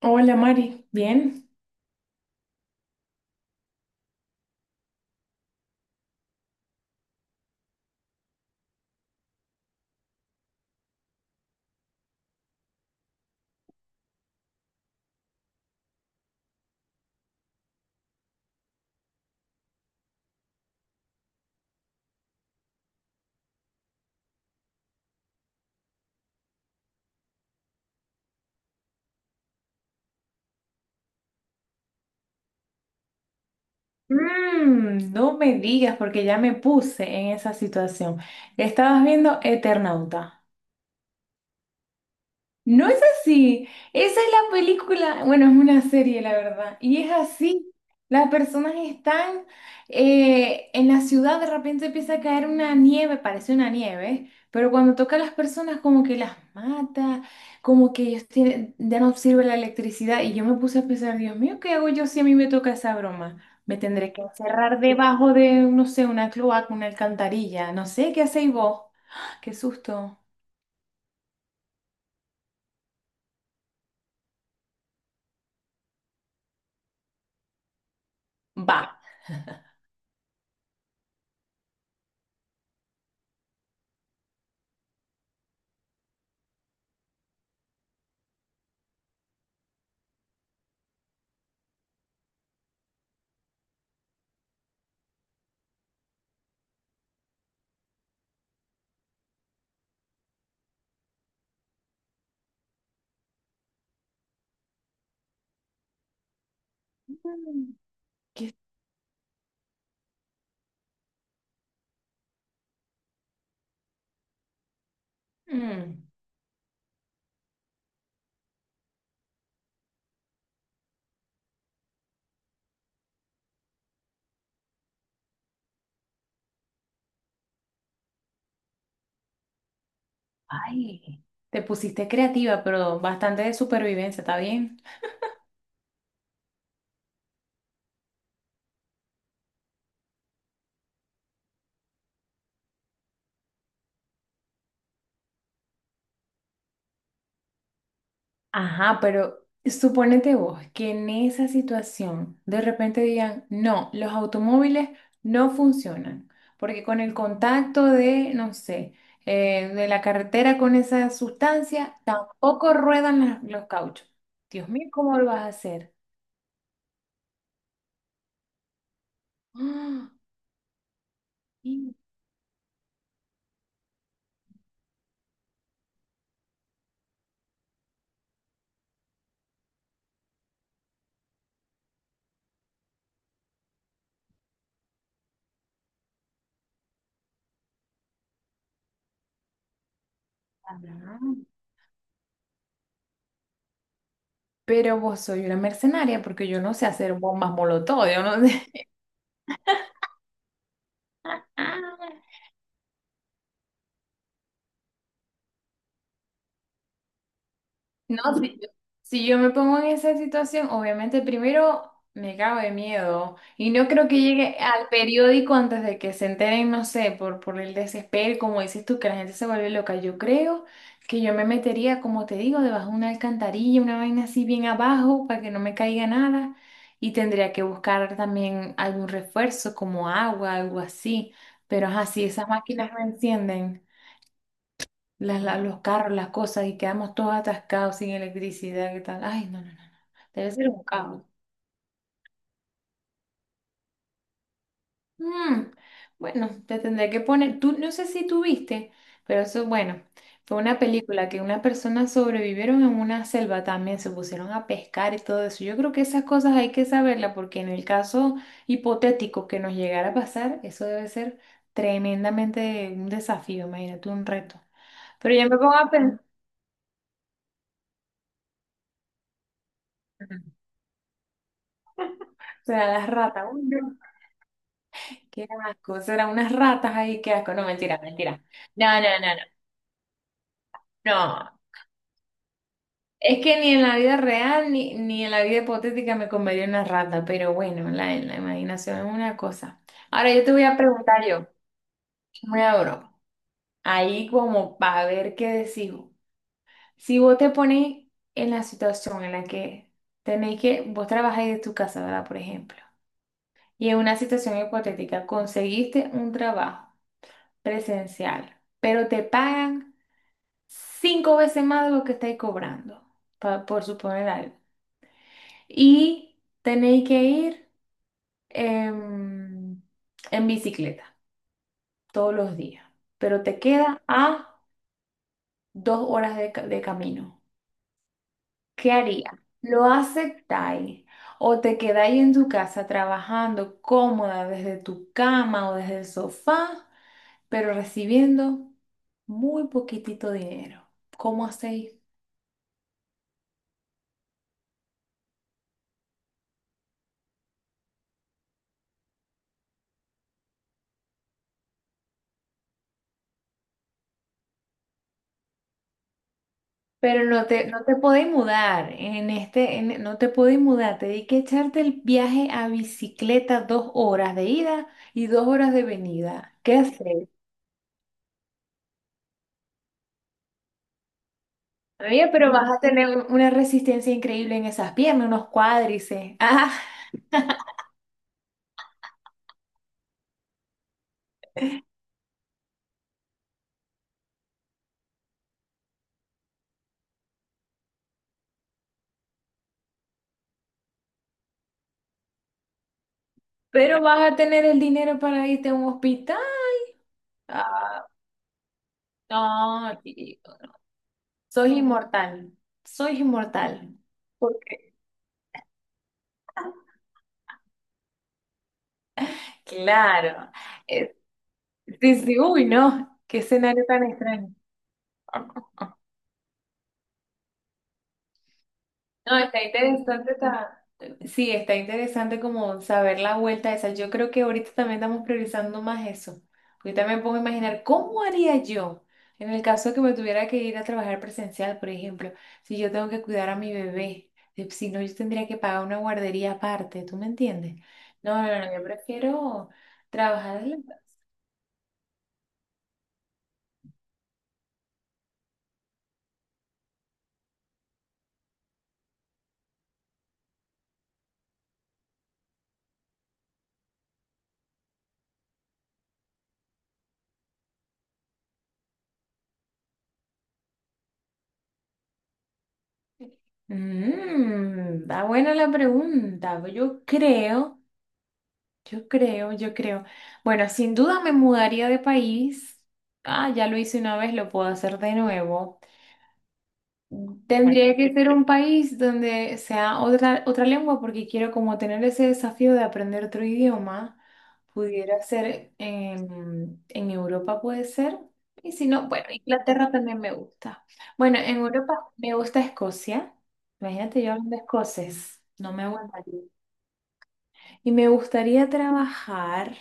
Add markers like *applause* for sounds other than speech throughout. Hola Mari, ¿bien? No me digas porque ya me puse en esa situación. Estabas viendo Eternauta. No es así. Esa es la película, bueno, es una serie, la verdad. Y es así. Las personas están en la ciudad, de repente empieza a caer una nieve, parece una nieve, pero cuando toca a las personas como que las mata, como que ellos tienen, ya no sirve la electricidad. Y yo me puse a pensar, Dios mío, ¿qué hago yo si a mí me toca esa broma? Me tendré que encerrar debajo de, no sé, una cloaca, una alcantarilla, no sé, ¿qué hacéis vos? Qué susto. Va. Mm. Qué Mm, ay, te pusiste creativa, pero bastante de supervivencia, ¿está bien? Ajá, pero suponete vos que en esa situación de repente digan, no, los automóviles no funcionan, porque con el contacto de, no sé, de la carretera con esa sustancia, tampoco ruedan los cauchos. Dios mío, ¿cómo lo vas a hacer? ¡Ah! Y- Pero vos soy una mercenaria porque yo no sé hacer bombas molotov, yo no sé. Ah, no, si yo me pongo en esa situación, obviamente primero me cago de miedo y no creo que llegue al periódico antes de que se enteren, no sé, por el desespero, como dices tú, que la gente se vuelve loca. Yo creo que yo me metería, como te digo, debajo de una alcantarilla, una vaina así bien abajo para que no me caiga nada y tendría que buscar también algún refuerzo como agua, algo así. Pero así esas máquinas me encienden. Los carros, las cosas y quedamos todos atascados sin electricidad, ¿qué tal? Ay, no, no, no, no. Debe ser un caos. Mm, bueno, te tendré que poner, tú no sé si tuviste, pero eso, bueno, fue una película que unas personas sobrevivieron en una selva también, se pusieron a pescar y todo eso. Yo creo que esas cosas hay que saberlas porque en el caso hipotético que nos llegara a pasar, eso debe ser tremendamente un desafío, imagínate, un reto. Pero ya me pongo a pensar, *laughs* o sea, las ratas. Qué asco, serán unas ratas ahí, qué asco. No, mentira, mentira. No, no, no, no. No. Es que ni en la vida real ni en la vida hipotética me comería una rata, pero bueno, en la imaginación es una cosa. Ahora yo te voy a preguntar yo, una broma, ahí como para ver qué decido. Si vos te pones en la situación en la que tenéis que, vos trabajáis de tu casa, ¿verdad? Por ejemplo, y en una situación hipotética conseguiste un trabajo presencial, pero te pagan cinco veces más de lo que estáis cobrando, por suponer algo. Y tenéis que ir em, en bicicleta todos los días, pero te queda a 2 horas de, de camino. ¿Qué haría? ¿Lo aceptáis? ¿O te quedáis en tu casa trabajando cómoda desde tu cama o desde el sofá, pero recibiendo muy poquitito dinero? ¿Cómo hacéis? Pero no te podés mudar, no te podés mudar, te di que echarte el viaje a bicicleta 2 horas de ida y 2 horas de venida. ¿Qué haces? Oye, pero vas a tener una resistencia increíble en esas piernas, unos cuádriceps. *laughs* Ah, pero vas a tener el dinero para irte a un hospital. Ah, no, tío, soy inmortal, soy inmortal. ¿Por qué? Claro. Eh, sí, sí, uy, no, qué escenario tan extraño. No, está interesante, está sí, está interesante como saber la vuelta esa. Yo creo que ahorita también estamos priorizando más eso. Ahorita me pongo a imaginar cómo haría yo en el caso que me tuviera que ir a trabajar presencial, por ejemplo, si yo tengo que cuidar a mi bebé, si no, yo tendría que pagar una guardería aparte, ¿tú me entiendes? No, no, no, yo prefiero trabajar. Está buena la pregunta. Yo creo. Yo creo, yo creo. Bueno, sin duda me mudaría de país. Ah, ya lo hice una vez, lo puedo hacer de nuevo. Tendría que ser un país donde sea otra, lengua porque quiero como tener ese desafío de aprender otro idioma. Pudiera ser en, Europa, puede ser. Y si no, bueno, Inglaterra también me gusta. Bueno, en Europa me gusta Escocia. Imagínate yo hablando escocés. No me aguantaría. Y me gustaría trabajar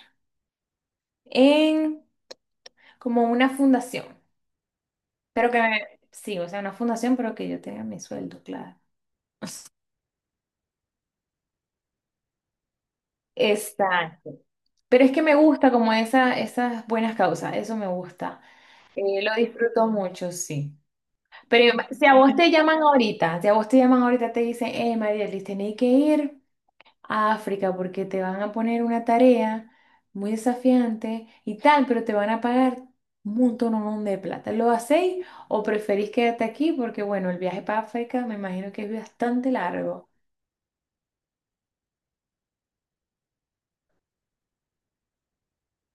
en como una fundación, pero que sí, o sea, una fundación, pero que yo tenga mi sueldo, claro. Exacto. Pero es que me gusta como esas buenas causas, eso me gusta. Lo disfruto mucho, sí. Pero si a vos te llaman ahorita, si a vos te llaman ahorita, te dicen, Marielis, tenéis que ir a África porque te van a poner una tarea muy desafiante y tal, pero te van a pagar un montón de plata. ¿Lo hacéis o preferís quedarte aquí? Porque bueno, el viaje para África me imagino que es bastante largo.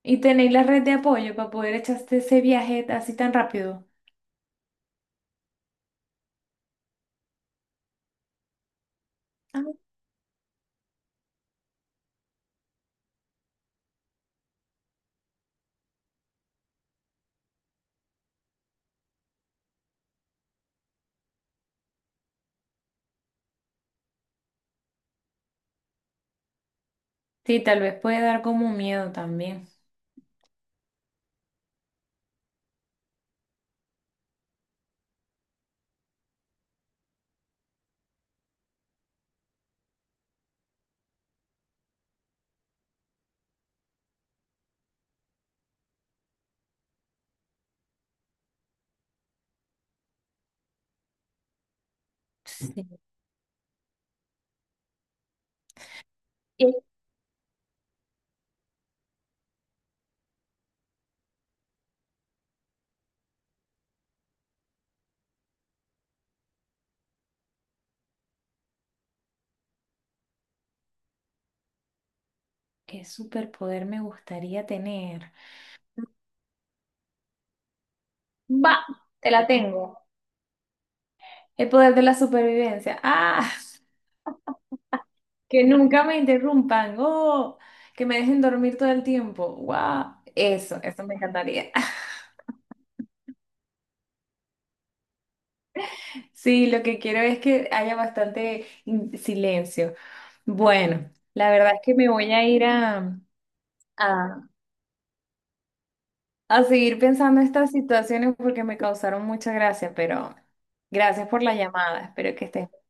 ¿Y tenéis la red de apoyo para poder echarte ese viaje así tan rápido? Ah, sí, tal vez puede dar como miedo también. Sí. ¿Qué qué superpoder me gustaría tener? Va, te la tengo. El poder de la supervivencia. Ah. Que nunca me interrumpan, oh, que me dejen dormir todo el tiempo. ¡Wow! Eso me encantaría. *laughs* Sí, lo que quiero es que haya bastante silencio. Bueno, la verdad es que me voy a ir a, a, a seguir pensando estas situaciones porque me causaron mucha gracia, pero gracias por la llamada. Espero que estés